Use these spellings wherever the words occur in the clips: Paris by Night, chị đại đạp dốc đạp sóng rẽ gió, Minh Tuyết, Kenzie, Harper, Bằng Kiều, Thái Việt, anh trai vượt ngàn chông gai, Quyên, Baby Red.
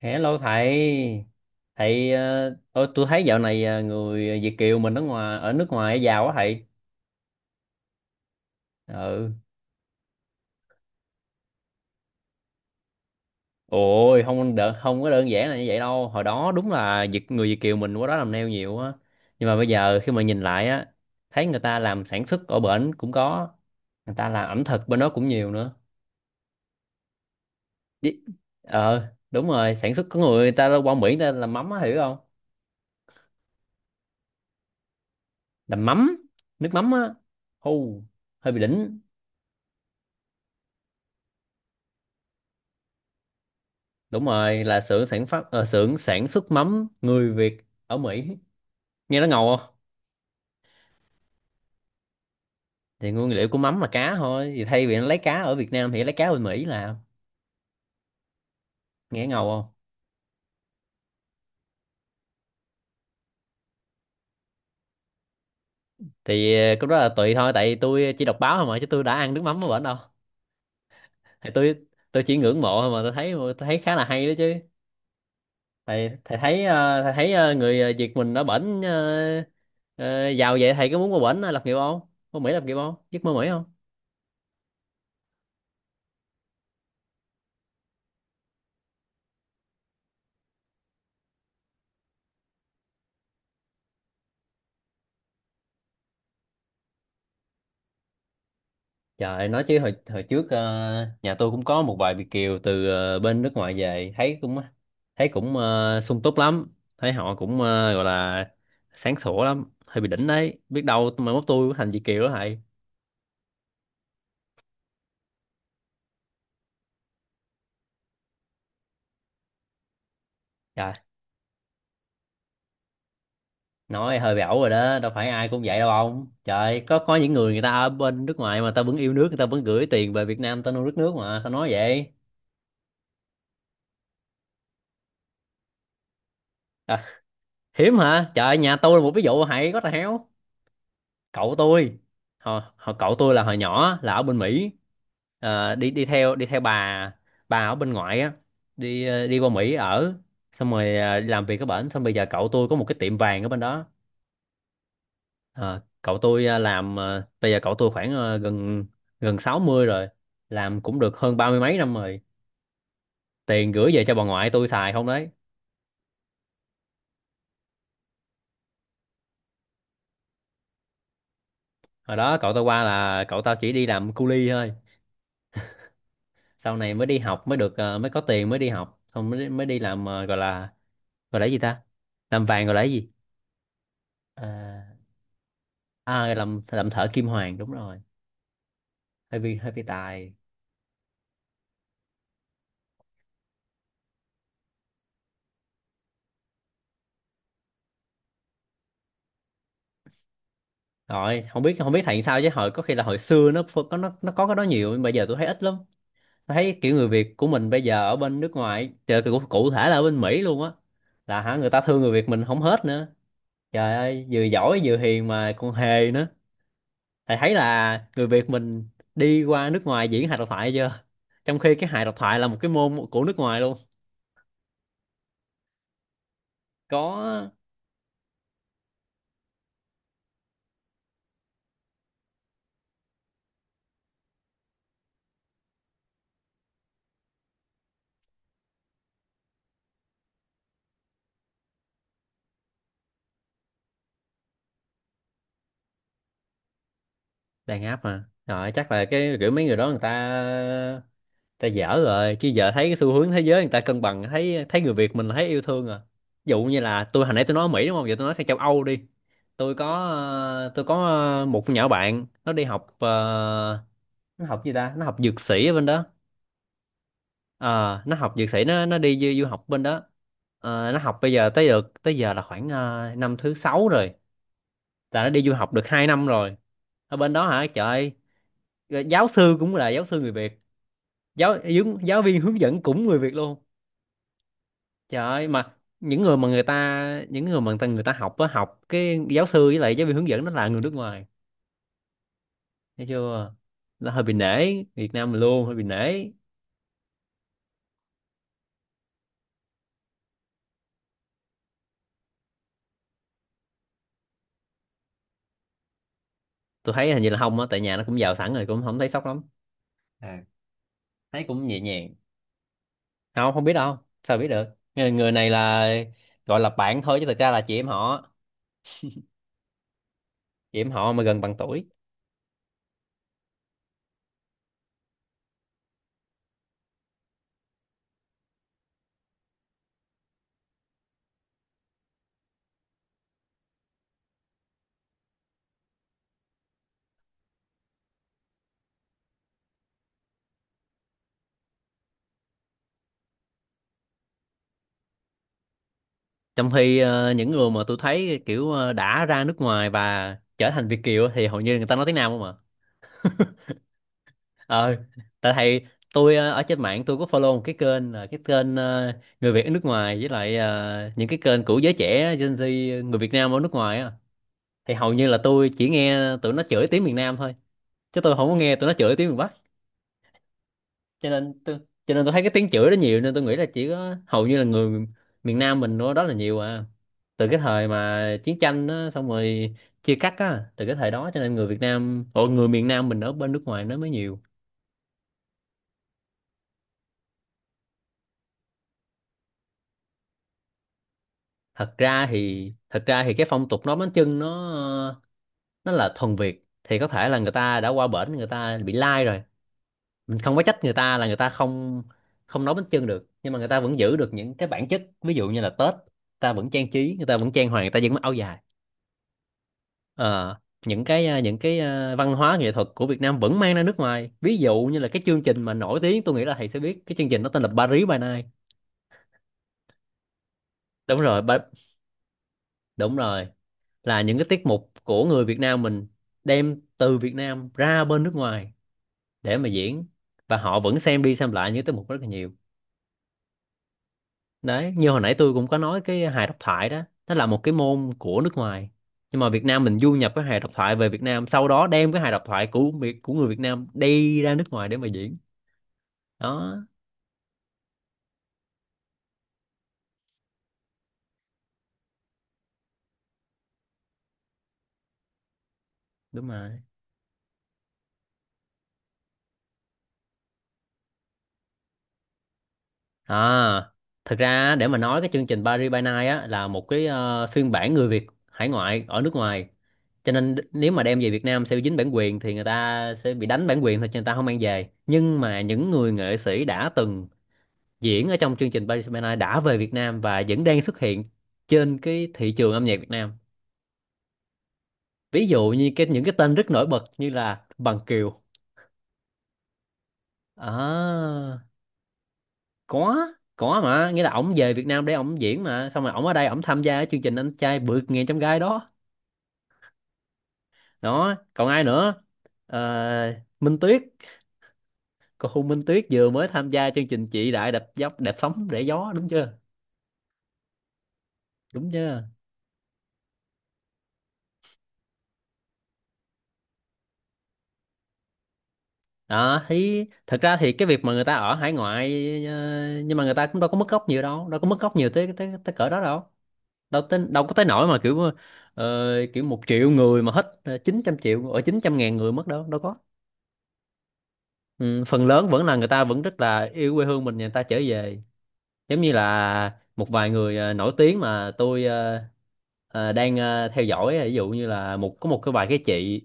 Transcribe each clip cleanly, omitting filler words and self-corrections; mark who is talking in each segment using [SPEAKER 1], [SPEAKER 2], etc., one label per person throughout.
[SPEAKER 1] Hello thầy. Thầy, ôi, tôi thấy dạo này, người Việt kiều mình ở nước ngoài giàu quá thầy. Ừ, ôi, không có đơn giản là như vậy đâu. Hồi đó đúng là người Việt kiều mình qua đó làm neo nhiều á, nhưng mà bây giờ khi mà nhìn lại á, thấy người ta làm sản xuất ở bển cũng có, người ta làm ẩm thực bên đó cũng nhiều nữa. Chứ- ờ đúng rồi, sản xuất có người ta qua Mỹ người ta làm mắm á, hiểu không? Làm mắm, nước mắm á. Hù, hơi bị đỉnh. Đúng rồi, là xưởng sản xuất mắm người Việt ở Mỹ, nghe nó ngầu không? Thì nguyên liệu của mắm là cá thôi, thì thay vì nó lấy cá ở Việt Nam thì nó lấy cá bên Mỹ làm, nghe ngầu không? Thì cái đó là tùy thôi, tại vì tôi chỉ đọc báo thôi mà, chứ tôi đã ăn nước mắm ở bển đâu. Thì Tôi chỉ ngưỡng mộ thôi mà, tôi thấy khá là hay đó chứ. Thầy thầy thấy, Việt mình ở bển, giàu vậy thầy có muốn qua bển lập nghiệp không? Qua Mỹ lập nghiệp không, giấc mơ Mỹ không? Trời ơi, nói chứ hồi hồi trước, nhà tôi cũng có một vài Việt kiều từ bên nước ngoài về, thấy cũng sung túc lắm, thấy họ cũng, gọi là sáng sủa lắm, hơi bị đỉnh đấy. Biết đâu mai mốt tôi cũng thành Việt kiều đó thầy. Trời, nói hơi bị ẩu rồi đó, đâu phải ai cũng vậy đâu ông trời. Có những người người ta ở bên nước ngoài mà ta vẫn yêu nước, người ta vẫn gửi tiền về Việt Nam ta nuôi đất nước mà, sao nói vậy? À, hiếm hả trời, nhà tôi là một ví dụ thầy, có tài héo. Cậu tôi, họ họ cậu tôi là hồi nhỏ là ở bên Mỹ. Ờ, đi đi theo bà ở bên ngoại á, đi, đi qua Mỹ ở, xong rồi, đi làm việc ở bển, xong bây giờ cậu tôi có một cái tiệm vàng ở bên đó. Ờ, cậu tôi, làm, bây giờ cậu tôi khoảng, gần gần 60 rồi, làm cũng được hơn 30 mấy năm rồi, tiền gửi về cho bà ngoại tôi xài không đấy. Hồi đó cậu tao qua là cậu tao chỉ đi làm cu li thôi, sau này mới đi học, mới được, mới có tiền mới đi học, xong mới mới đi làm, gọi là, gọi là gì ta, làm vàng gọi là gì? à, À, làm thợ kim hoàn, đúng rồi. Hơi bị, tài. Rồi, không biết, thầy sao chứ hồi, có khi là hồi xưa nó có nó có cái đó nhiều, nhưng bây giờ tôi thấy ít lắm. Tôi thấy kiểu người Việt của mình bây giờ ở bên nước ngoài, trời, cụ thể là ở bên Mỹ luôn á, là hả, người ta thương người Việt mình không hết nữa. Trời ơi, vừa giỏi vừa hiền mà còn hề nữa. Thầy thấy là người Việt mình đi qua nước ngoài diễn hài độc thoại chưa? Trong khi cái hài độc thoại là một cái môn của nước ngoài luôn. Có. Đang áp mà, rồi chắc là cái kiểu mấy người đó người ta ta dở rồi, chứ giờ thấy cái xu hướng thế giới người ta cân bằng, thấy thấy người Việt mình là thấy yêu thương à. Ví dụ như là tôi hồi nãy tôi nói ở Mỹ đúng không, giờ tôi nói sang châu Âu đi. Tôi có, một con nhỏ bạn nó đi học, nó học gì ta, nó học dược sĩ ở bên đó. Ờ, nó học dược sĩ, du học bên đó. Ờ, nó học bây giờ tới giờ là khoảng, năm thứ sáu rồi, là nó đi du học được 2 năm rồi. Ở bên đó hả, trời ơi, giáo sư cũng là giáo sư người Việt, giáo giáo giáo viên hướng dẫn cũng người Việt luôn. Trời ơi, mà những người mà người ta những người mà người ta học á, học cái giáo sư với lại giáo viên hướng dẫn nó là người nước ngoài. Thấy chưa, nó hơi bị nể Việt Nam mình luôn, hơi bị nể. Tôi thấy hình như là không á, tại nhà nó cũng giàu sẵn rồi, cũng không thấy sốc lắm. À, thấy cũng nhẹ nhàng. Không, không biết đâu, sao biết được. Người này là gọi là bạn thôi, chứ thực ra là chị em họ, chị em họ mà gần bằng tuổi. Trong khi, những người mà tôi thấy kiểu, đã ra nước ngoài và trở thành Việt kiều thì hầu như người ta nói tiếng Nam không à. Ờ, tại thầy, tôi, ở trên mạng tôi có follow một cái kênh, là cái kênh, người Việt ở nước ngoài với lại, những cái kênh của giới trẻ Gen Z, người Việt Nam ở nước ngoài á. Thì hầu như là tôi chỉ nghe tụi nó chửi tiếng miền Nam thôi, chứ tôi không có nghe tụi nó chửi tiếng miền Bắc. cho nên tôi cho nên tôi thấy cái tiếng chửi đó nhiều, nên tôi nghĩ là chỉ có hầu như là người miền Nam mình đó là nhiều à. Từ cái thời mà chiến tranh á, xong rồi chia cắt á, từ cái thời đó cho nên người miền Nam mình ở bên nước ngoài nó mới nhiều. Thật ra thì cái phong tục bánh chưng nó là thuần Việt, thì có thể là người ta đã qua bển người ta bị lai rồi. Mình không có trách người ta là người ta không không nấu bánh chưng được, nhưng mà người ta vẫn giữ được những cái bản chất, ví dụ như là Tết người ta vẫn trang trí, người ta vẫn trang hoàng, người ta vẫn mặc áo dài. Ờ, những cái, văn hóa nghệ thuật của Việt Nam vẫn mang ra nước ngoài, ví dụ như là cái chương trình mà nổi tiếng tôi nghĩ là thầy sẽ biết, cái chương trình nó tên là Paris by Night. Đúng rồi ba, đúng rồi, là những cái tiết mục của người Việt Nam mình đem từ Việt Nam ra bên nước ngoài để mà diễn, và họ vẫn xem đi xem lại những tiết mục rất là nhiều. Đấy, như hồi nãy tôi cũng có nói cái hài độc thoại đó, nó là một cái môn của nước ngoài, nhưng mà Việt Nam mình du nhập cái hài độc thoại về Việt Nam, sau đó đem cái hài độc thoại của của người Việt Nam đi ra nước ngoài để mà diễn. Đó. Đúng rồi. À, thực ra á, để mà nói cái chương trình Paris by Night á là một cái, phiên bản người Việt hải ngoại ở nước ngoài. Cho nên nếu mà đem về Việt Nam sẽ dính bản quyền, thì người ta sẽ bị đánh bản quyền thôi cho người ta không mang về. Nhưng mà những người nghệ sĩ đã từng diễn ở trong chương trình Paris by Night đã về Việt Nam và vẫn đang xuất hiện trên cái thị trường âm nhạc Việt Nam. Ví dụ như những cái tên rất nổi bật như là Bằng Kiều. À. có có mà nghĩa là ổng về Việt Nam để ổng diễn, mà xong rồi ổng ở đây ổng tham gia cái chương trình Anh Trai Vượt Ngàn Chông Gai đó. Đó, còn ai nữa? Ờ, Minh Tuyết, cô Hùng Minh Tuyết vừa mới tham gia chương trình Chị Đại Đạp Dốc Đạp Sóng Rẽ Gió đúng chưa, đúng chưa? Đó, thì thật ra thì cái việc mà người ta ở hải ngoại, ờ, nhưng mà người ta cũng đâu có mất gốc nhiều đâu, đâu có mất gốc nhiều tới, tới cỡ đó đâu, đâu có tới nỗi mà kiểu, ờ, kiểu 1 triệu người mà hết, 900 ngàn người mất, đâu đâu có. Ừ, phần lớn vẫn là người ta vẫn rất là yêu quê hương mình, người ta trở về. Giống như là một vài người, nổi tiếng mà tôi, đang, theo dõi, ví dụ như là một cái vài cái chị,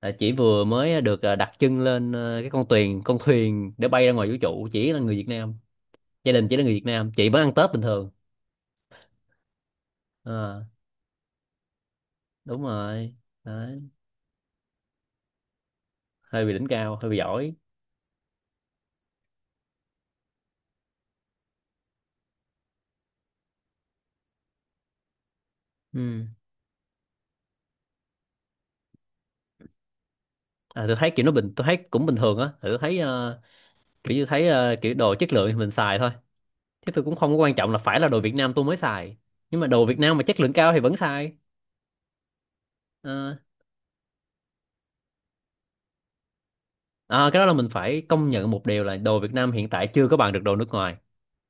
[SPEAKER 1] chỉ vừa mới được, đặt chân lên, cái con thuyền để bay ra ngoài vũ trụ, chỉ là người Việt Nam, gia đình chỉ là người Việt Nam, chị vẫn ăn Tết bình thường. Ờ, đúng rồi. Đấy. Hơi bị đỉnh cao, hơi bị giỏi. Ừ. À, tôi thấy kiểu nó bình tôi thấy cũng bình thường á, tôi thấy, kiểu như thấy, kiểu đồ chất lượng thì mình xài thôi. Thế tôi cũng không có quan trọng là phải là đồ Việt Nam tôi mới xài. Nhưng mà đồ Việt Nam mà chất lượng cao thì vẫn xài. Ờ, à, cái đó là mình phải công nhận một điều là đồ Việt Nam hiện tại chưa có bằng được đồ nước ngoài.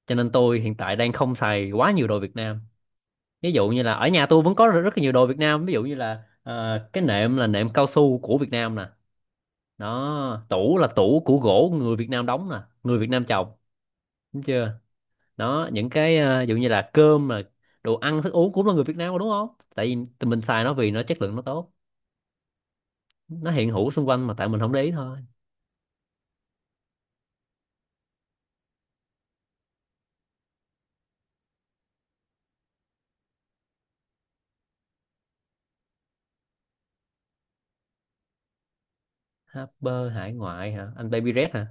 [SPEAKER 1] Cho nên tôi hiện tại đang không xài quá nhiều đồ Việt Nam. Ví dụ như là ở nhà tôi vẫn có rất là nhiều đồ Việt Nam. Ví dụ như là, cái nệm là nệm cao su của Việt Nam nè. Đó, tủ là tủ của gỗ người Việt Nam đóng nè, người Việt Nam trồng, đúng chưa? Đó, những cái, ví dụ như là cơm là đồ ăn thức uống cũng là người Việt Nam mà đúng không? Tại vì tụi mình xài nó vì nó chất lượng nó tốt, nó hiện hữu xung quanh mà tại mình không để ý thôi. Harper hải ngoại hả, anh Baby Red hả?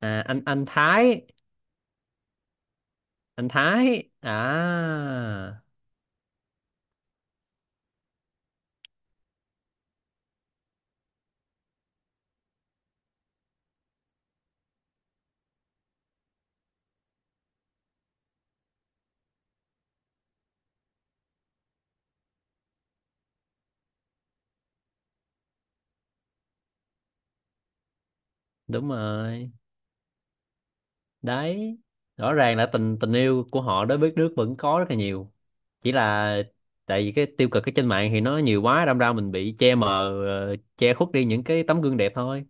[SPEAKER 1] À, anh Thái, anh Thái à? Đúng rồi. Đấy, rõ ràng là tình tình yêu của họ đối với nước vẫn có rất là nhiều, chỉ là tại vì cái tiêu cực ở trên mạng thì nó nhiều quá, đâm ra mình bị che mờ, che khuất đi những cái tấm gương đẹp thôi.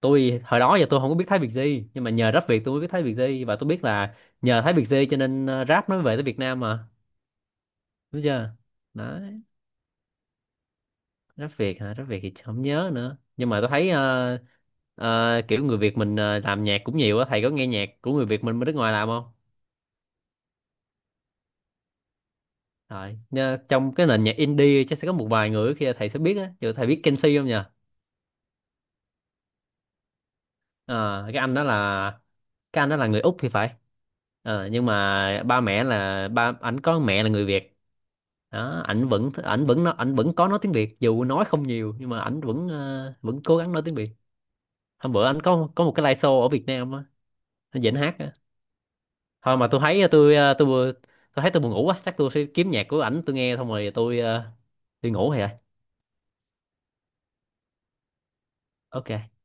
[SPEAKER 1] Tôi hồi đó giờ tôi không có biết Thái Việt gì, nhưng mà nhờ Rap Việt tôi mới biết Thái Việt gì, và tôi biết là nhờ Thái Việt gì cho nên, rap nó mới về tới Việt Nam mà, đúng chưa? Đó. Rap Việt hả, Rap Việt thì không nhớ nữa, nhưng mà tôi thấy, kiểu người Việt mình, làm nhạc cũng nhiều á, thầy có nghe nhạc của người Việt mình bên nước ngoài làm không? Rồi nha, trong cái nền nhạc indie chắc sẽ có một vài người khi thầy sẽ biết á. Ví thầy biết Kenzie không nhỉ? Ờ, cái anh đó là người Úc thì phải. Ờ, nhưng mà ba mẹ là ảnh có mẹ là người Việt. Đó, ảnh vẫn có nói tiếng Việt, dù nói không nhiều, nhưng mà ảnh vẫn, vẫn cố gắng nói tiếng Việt. Hôm bữa ảnh có một cái live show ở Việt Nam á, ảnh dẫn hát. Thôi mà tôi thấy, tôi thấy tôi buồn ngủ quá, chắc tôi sẽ kiếm nhạc của ảnh tôi nghe, xong rồi tôi, đi ngủ rồi. Ok.